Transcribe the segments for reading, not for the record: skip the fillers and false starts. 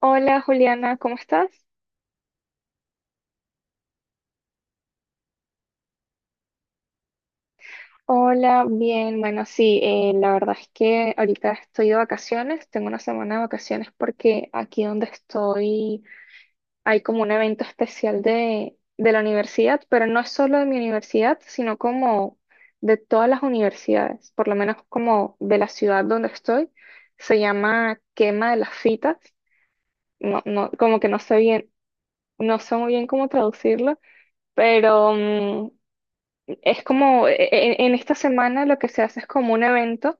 Hola Juliana, ¿cómo estás? Hola, bien, bueno, sí, la verdad es que ahorita estoy de vacaciones, tengo una semana de vacaciones porque aquí donde estoy hay como un evento especial de la universidad, pero no es solo de mi universidad, sino como de todas las universidades, por lo menos como de la ciudad donde estoy, se llama Quema de las Fitas, no, no, como que no sé bien, no sé muy bien cómo traducirlo, pero... mm, Es como, esta semana lo que se hace es como un evento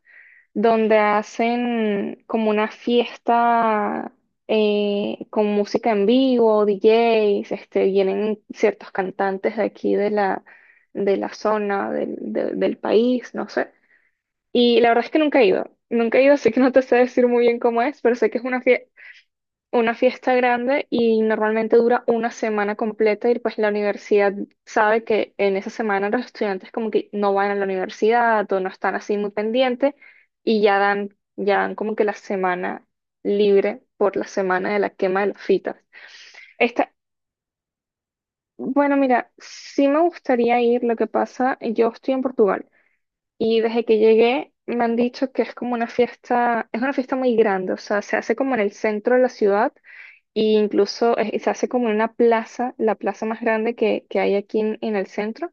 donde hacen como una fiesta con música en vivo, DJs, vienen ciertos cantantes de aquí de la zona, del país, no sé. Y la verdad es que nunca he ido, nunca he ido, así que no te sé decir muy bien cómo es, pero sé que es una fiesta grande y normalmente dura una semana completa y pues la universidad sabe que en esa semana los estudiantes como que no van a la universidad o no están así muy pendientes y ya dan como que la semana libre por la semana de la quema de las fitas. Esta, bueno, mira, sí me gustaría ir, lo que pasa, yo estoy en Portugal y desde que llegué me han dicho que es como una fiesta, es una fiesta muy grande, o sea, se hace como en el centro de la ciudad y incluso se hace como en una plaza, la plaza más grande que hay aquí en el centro.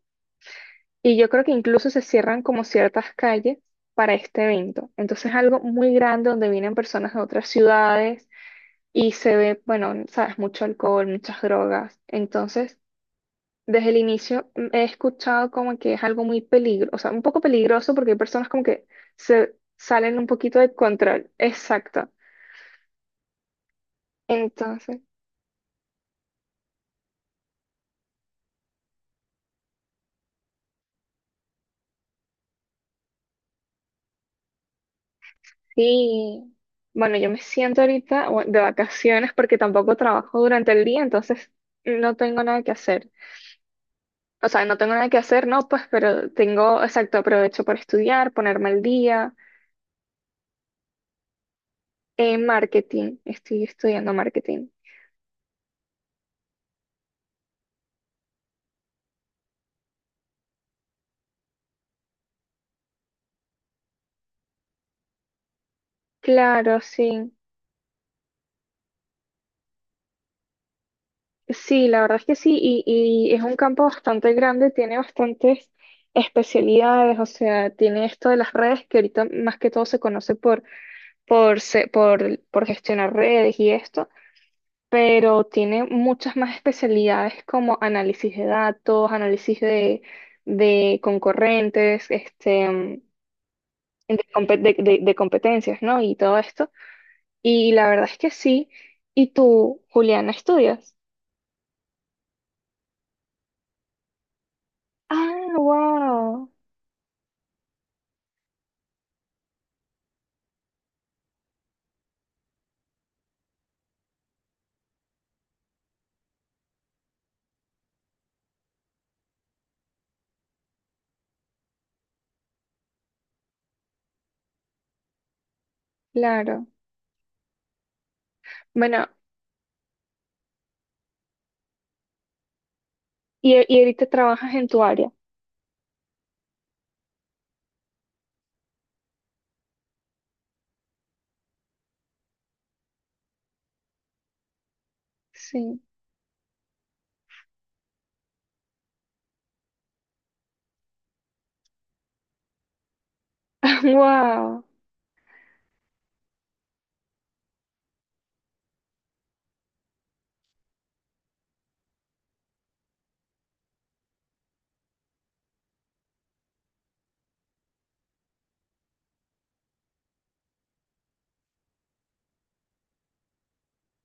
Y yo creo que incluso se cierran como ciertas calles para este evento. Entonces es algo muy grande donde vienen personas de otras ciudades y se ve, bueno, sabes, mucho alcohol, muchas drogas. Entonces, desde el inicio he escuchado como que es algo muy peligroso, o sea, un poco peligroso porque hay personas como que se salen un poquito de control. Exacto. Entonces. Sí, bueno, yo me siento ahorita bueno, de vacaciones porque tampoco trabajo durante el día, entonces no tengo nada que hacer. O sea, no tengo nada que hacer, no, pues, pero tengo, exacto, aprovecho para estudiar, ponerme al día. En marketing, estoy estudiando marketing. Claro, sí. Sí, la verdad es que sí, y es un campo bastante grande, tiene bastantes especialidades, o sea, tiene esto de las redes que ahorita más que todo se conoce por gestionar redes y esto pero tiene muchas más especialidades como análisis de datos, análisis de concorrentes, de competencias, ¿no? Y todo esto. Y la verdad es que sí. ¿Y tú, Juliana, estudias? Ah, wow, claro. Bueno, y ahorita trabajas en tu área. Sí. Wow,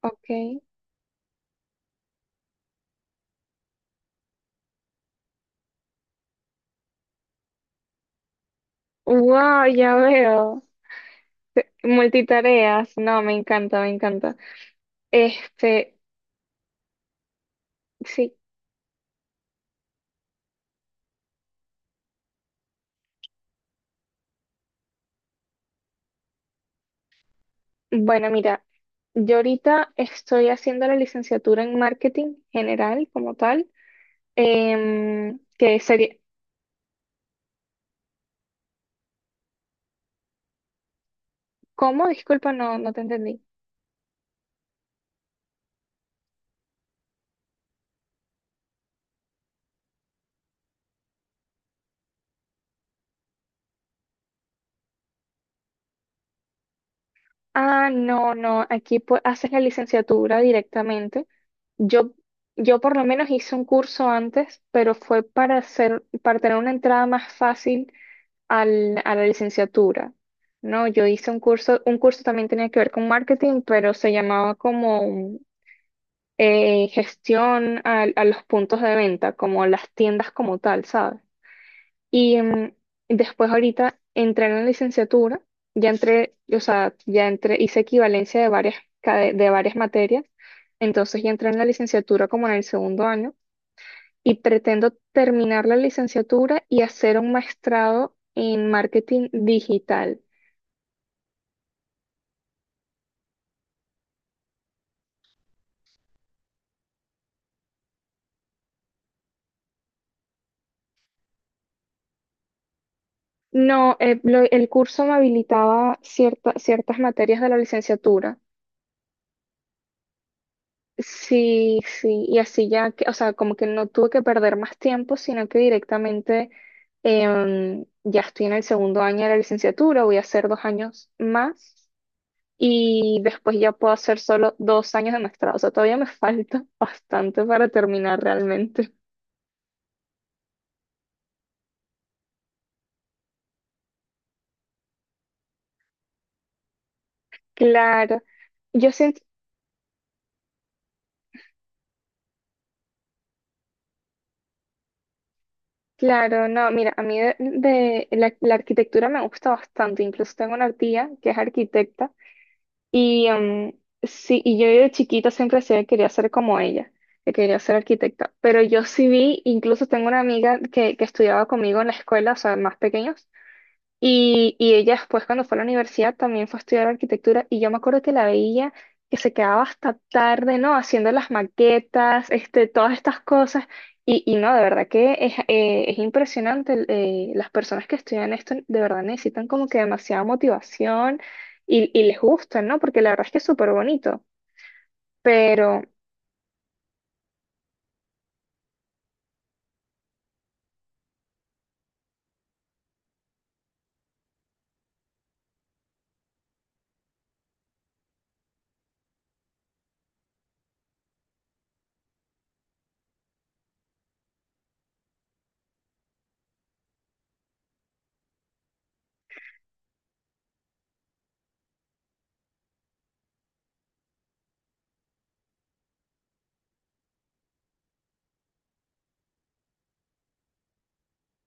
ok. Wow, ya veo. Multitareas. No, me encanta, me encanta. Este, sí. Bueno, mira, yo ahorita estoy haciendo la licenciatura en marketing general como tal, que sería, ¿cómo? Disculpa, no, no te entendí. Ah, no, no, aquí haces la licenciatura directamente. Yo, yo por lo menos hice un curso antes, pero fue para hacer, para tener una entrada más fácil a la licenciatura. No, yo hice un curso también tenía que ver con marketing, pero se llamaba como gestión los puntos de venta, como las tiendas como tal, ¿sabes? Y después ahorita entré en la licenciatura, ya entré, o sea, ya entré, hice equivalencia de varias, de varias materias, entonces ya entré en la licenciatura como en el segundo año y pretendo terminar la licenciatura y hacer un maestrado en marketing digital. No, el curso me habilitaba ciertas materias de la licenciatura. Sí, sí, y así ya, que, o sea, como que no tuve que perder más tiempo, sino que directamente ya estoy en el segundo año de la licenciatura, voy a hacer 2 años más y después ya puedo hacer solo 2 años de maestrado, o sea, todavía me falta bastante para terminar realmente. Claro, yo siento, claro, no, mira, a mí de la arquitectura me gusta bastante, incluso tengo una tía que es arquitecta. Y sí, y yo de chiquita siempre decía que quería ser como ella, que quería ser arquitecta. Pero yo sí vi, incluso tengo una amiga que estudiaba conmigo en la escuela, o sea, más pequeños, y ella después cuando fue a la universidad también fue a estudiar arquitectura y yo me acuerdo que la veía que se quedaba hasta tarde, ¿no? Haciendo las maquetas, todas estas cosas. Y no, de verdad que es impresionante. Las personas que estudian esto de verdad necesitan como que demasiada motivación y les gusta, ¿no? Porque la verdad es que es súper bonito.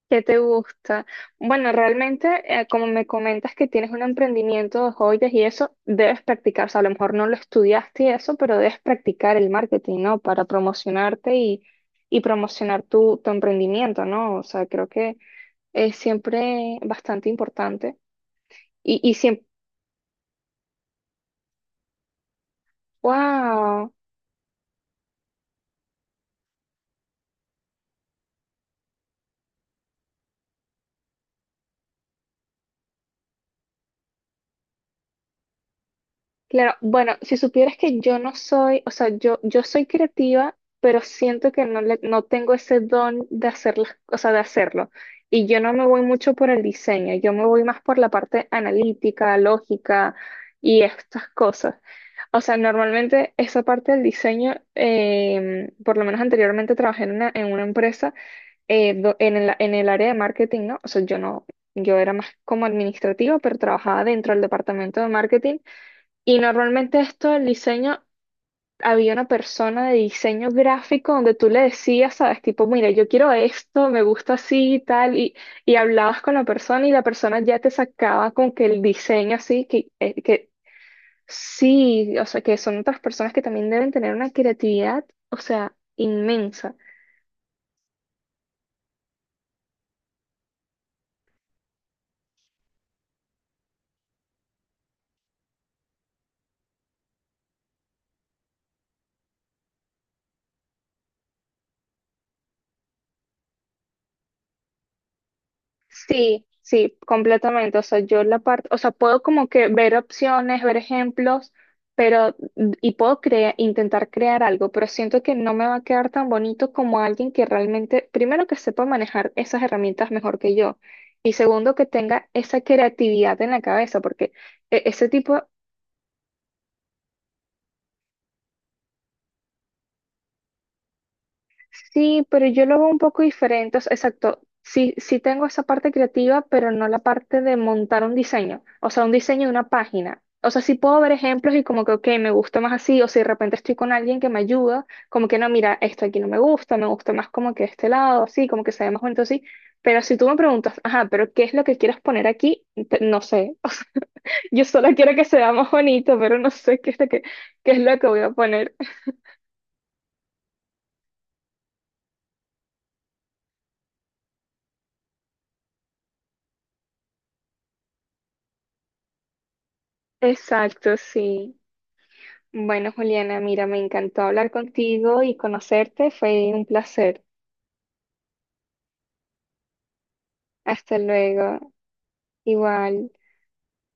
¿Qué te gusta? Bueno, realmente, como me comentas que tienes un emprendimiento de joyas y eso, debes practicar, o sea, a lo mejor no lo estudiaste y eso, pero debes practicar el marketing, ¿no? Para promocionarte y promocionar tu, tu emprendimiento, ¿no? O sea, creo que es siempre bastante importante. Y siempre. Claro, bueno, si supieras que yo no soy, o sea, yo soy creativa, pero siento que no, no tengo ese don de hacer las, o sea, de hacerlo. Y yo no me voy mucho por el diseño, yo me voy más por la parte analítica, lógica y estas cosas. O sea, normalmente esa parte del diseño, por lo menos anteriormente trabajé en una empresa en el área de marketing, ¿no? O sea, yo no, yo era más como administrativa, pero trabajaba dentro del departamento de marketing. Y normalmente esto el diseño, había una persona de diseño gráfico donde tú le decías, sabes, tipo, mira, yo quiero esto, me gusta así y tal, y hablabas con la persona y la persona ya te sacaba con que el diseño así, que sí, o sea, que son otras personas que también deben tener una creatividad, o sea, inmensa. Sí, sí, completamente. O sea, yo la parte, o sea, puedo como que ver opciones, ver ejemplos, pero, y puedo intentar crear algo, pero siento que no me va a quedar tan bonito como alguien que realmente, primero que sepa manejar esas herramientas mejor que yo, y segundo que tenga esa creatividad en la cabeza, porque ese tipo. Sí, pero yo lo veo un poco diferente. O sea, exacto. Sí, sí tengo esa parte creativa, pero no la parte de montar un diseño. O sea, un diseño de una página. O sea, sí puedo ver ejemplos y como que, ok, me gusta más así. O si de repente estoy con alguien que me ayuda, como que no, mira, esto aquí no me gusta, me gusta más como que este lado, así, como que se ve más bonito así. Pero si tú me preguntas, ajá, pero ¿qué es lo que quieres poner aquí? No sé. Yo solo quiero que se vea más bonito, pero no sé qué es lo que voy a poner. Exacto, sí. Bueno, Juliana, mira, me encantó hablar contigo y conocerte. Fue un placer. Hasta luego. Igual.